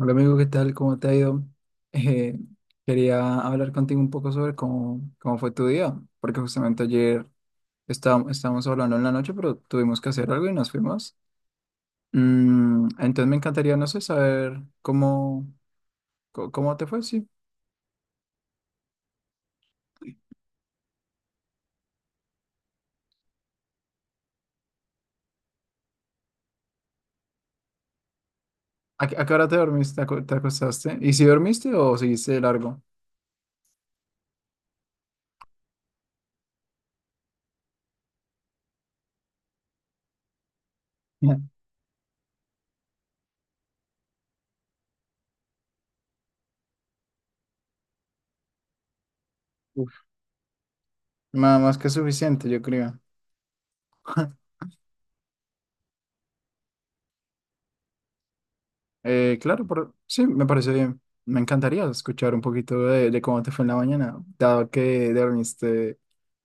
Hola amigo, ¿qué tal? ¿Cómo te ha ido? Eh, quería hablar contigo un poco sobre cómo fue tu día, porque justamente ayer estábamos hablando en la noche, pero tuvimos que hacer algo y nos fuimos. Entonces me encantaría, no sé, saber cómo te fue, sí. ¿A qué hora te dormiste? ¿Te acostaste? ¿Y si dormiste o seguiste de largo? Uf. Nada más que suficiente, yo creo. Claro, sí, me parece bien. Me encantaría escuchar un poquito de cómo te fue en la mañana, dado que dormiste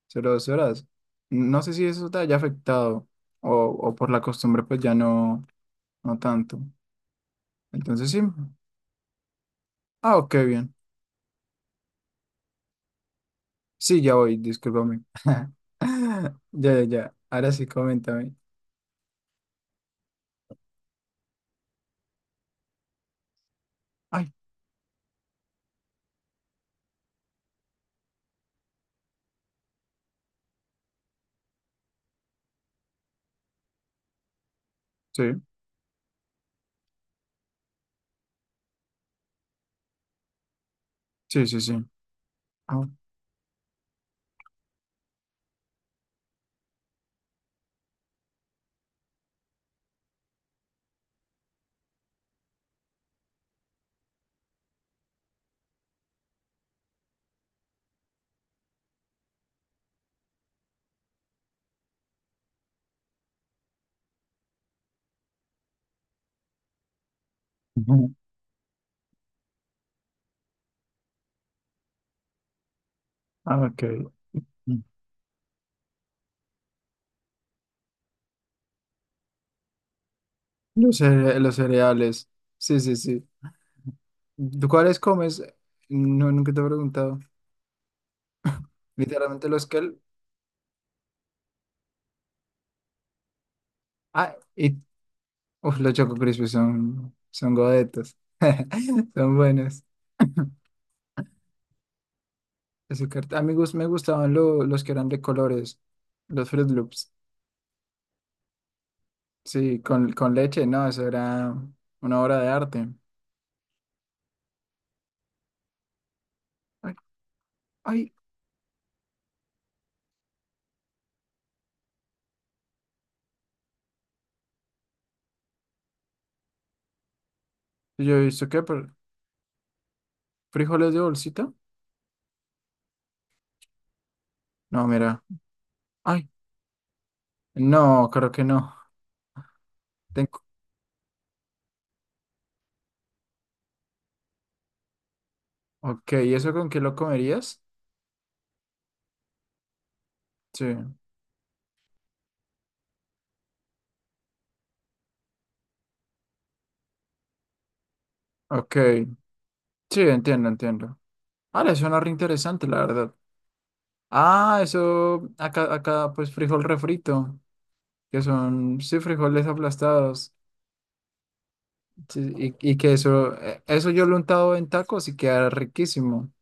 solo 2 horas. No sé si eso te haya afectado o por la costumbre, pues ya no, no tanto. Entonces sí. Ah, ok, bien. Sí, ya voy, discúlpame. Ya, ya, ya. Ahora sí, coméntame. Ay, sí, sí, sí, sí. Ah, ujú. Ah, ok. Los cereales. Sí, sí, sí. ¿Tú cuáles comes? No, nunca te he preguntado. Literalmente los que. Ah. Uf, los Choco Crispy son godetas. Son buenos. Azúcar. A mí me gustaban los que eran de colores. Los Fruit Loops. Sí, con leche. No, eso era una obra de arte. Ay, ay. Yo he visto que. ¿Frijoles de bolsita? No, mira. Ay, no, creo que no. Tengo. Ok, ¿y eso con qué lo comerías? Sí. Ok. Sí, entiendo, entiendo. Ah, le suena re interesante, la verdad. Ah, eso, acá, pues frijol refrito, que son, sí, frijoles aplastados. Sí, y que eso yo lo he untado en tacos y queda riquísimo.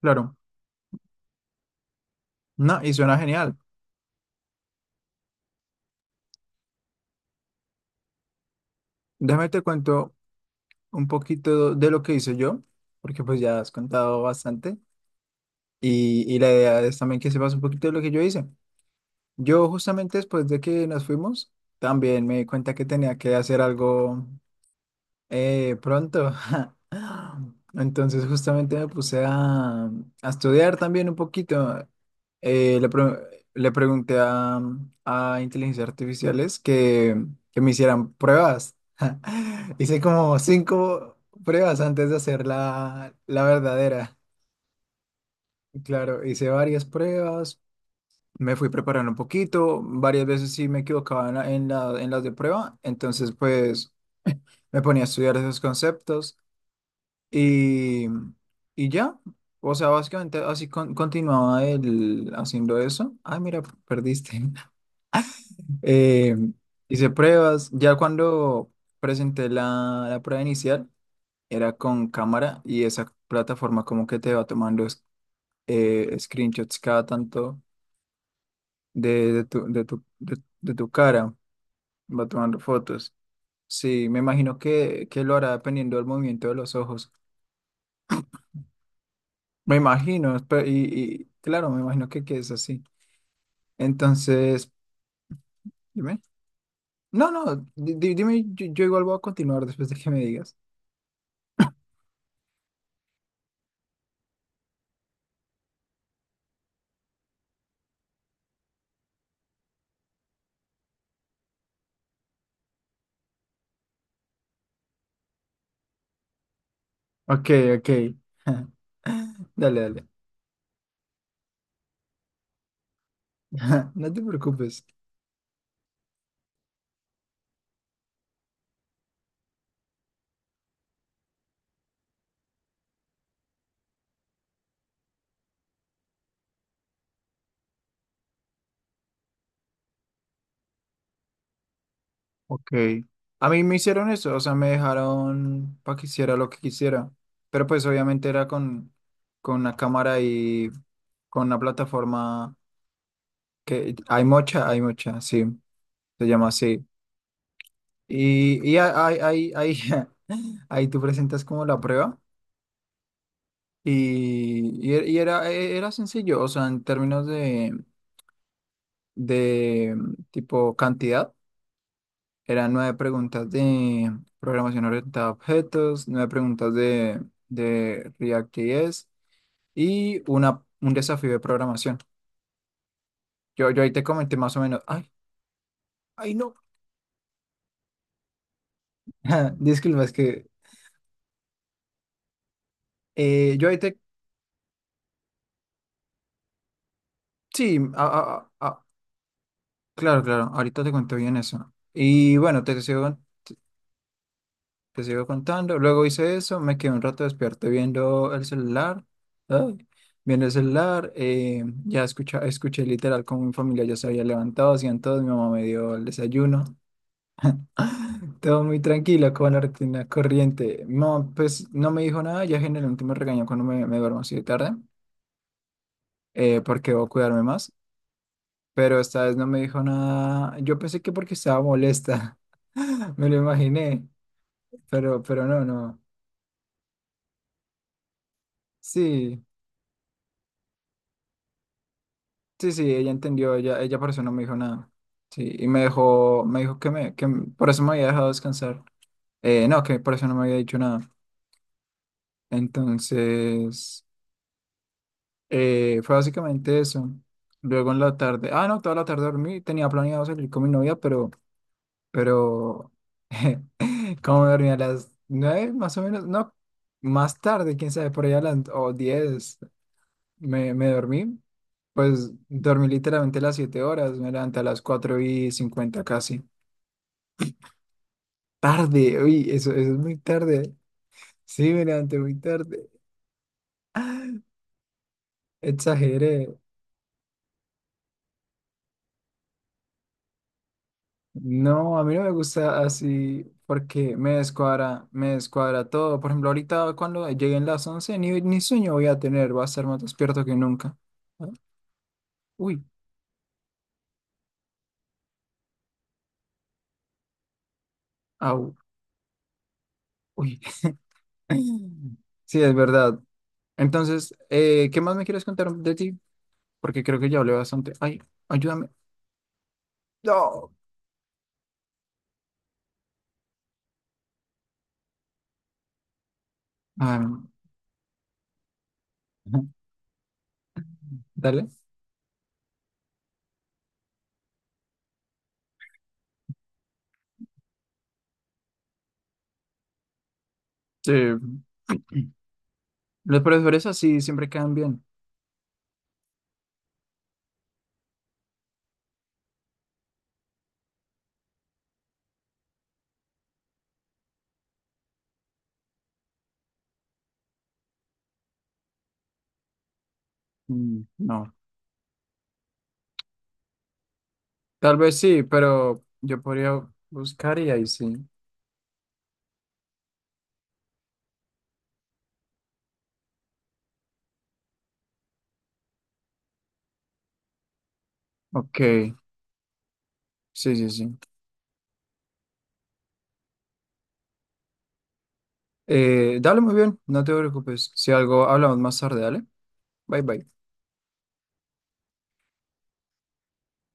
Claro, no, y suena genial. Déjame te cuento un poquito de lo que hice yo, porque pues ya has contado bastante. Y la idea es también que sepas un poquito de lo que yo hice. Yo justamente después de que nos fuimos, también me di cuenta que tenía que hacer algo pronto. Entonces justamente me puse a estudiar también un poquito. Eh, le, pre- le pregunté a inteligencias artificiales que me hicieran pruebas. Hice como cinco pruebas antes de hacer la verdadera. Claro, hice varias pruebas, me fui preparando un poquito, varias veces sí me equivocaba en las de prueba, entonces pues me ponía a estudiar esos conceptos. Y, y ya, o sea, básicamente así continuaba él haciendo eso. Ay, mira, perdiste. Eh, hice pruebas. Ya cuando presenté la prueba inicial, era con cámara y esa plataforma como que te va tomando screenshots cada tanto de, de tu, de tu, de, de tu cara, va tomando fotos. Sí, me imagino que lo hará dependiendo del movimiento de los ojos. Me imagino, y claro, me imagino que es así. Entonces, dime. No, no, dime, yo igual voy a continuar después de que me digas. Ok, ok. Dale, dale. No te preocupes. Ok. A mí me hicieron eso, o sea, me dejaron para que hiciera lo que quisiera. Pero pues obviamente era con una cámara y con una plataforma que hay mucha, sí, se llama así. Y ahí, ahí tú presentas como la prueba. Y, y era, era sencillo, o sea, en términos de tipo cantidad, eran nueve preguntas de programación orientada a objetos, nueve preguntas de React.js y un desafío de programación. Yo ahí te comenté más o menos, ay, ay no, disculpa, es que yo ahí te, sí, Claro, ahorita te cuento bien eso. Te sigo contando. Luego hice eso, me quedé un rato despierto viendo el celular. Ay, viendo el celular, escuché literal como mi familia ya se había levantado, hacían todo, mi mamá me dio el desayuno. Todo muy tranquilo, como la rutina corriente. Mi mamá, pues no me dijo nada, ya generalmente me regañó cuando me duermo así de tarde, porque debo cuidarme más. Pero esta vez no me dijo nada. Yo pensé que porque estaba molesta, me lo imaginé, pero no, no. Sí. Sí, sí, ella entendió, ella por eso no me dijo nada. Sí, y me dejó, me dijo que me, que m- por eso me había dejado descansar. No, que por eso no me había dicho nada. Entonces, fue básicamente eso. Luego en la tarde, ah, no, toda la tarde dormí, tenía planeado salir con mi novia, pero, cómo me dormí a las 9 más o menos, no, más tarde, quién sabe, por allá a las o 10 me dormí. Pues dormí literalmente las 7 horas, me levanté a las 4:50 casi. Tarde, uy, eso es muy tarde. Sí, me levanté muy tarde. Exageré. No, a mí no me gusta así porque me descuadra todo. Por ejemplo, ahorita cuando lleguen las 11 ni sueño voy a tener, va a estar más despierto que nunca. Ah, uy, au, uy. Sí, es verdad. Entonces, ¿qué más me quieres contar de ti? Porque creo que ya hablé bastante. Ay, ayúdame. No. Ah, dale. Sí, los profesores así siempre quedan bien. No, tal vez sí, pero yo podría buscar y ahí sí. Ok, sí, sí, sí. Dale muy bien, no te preocupes. Si algo, hablamos más tarde, dale. Bye, bye.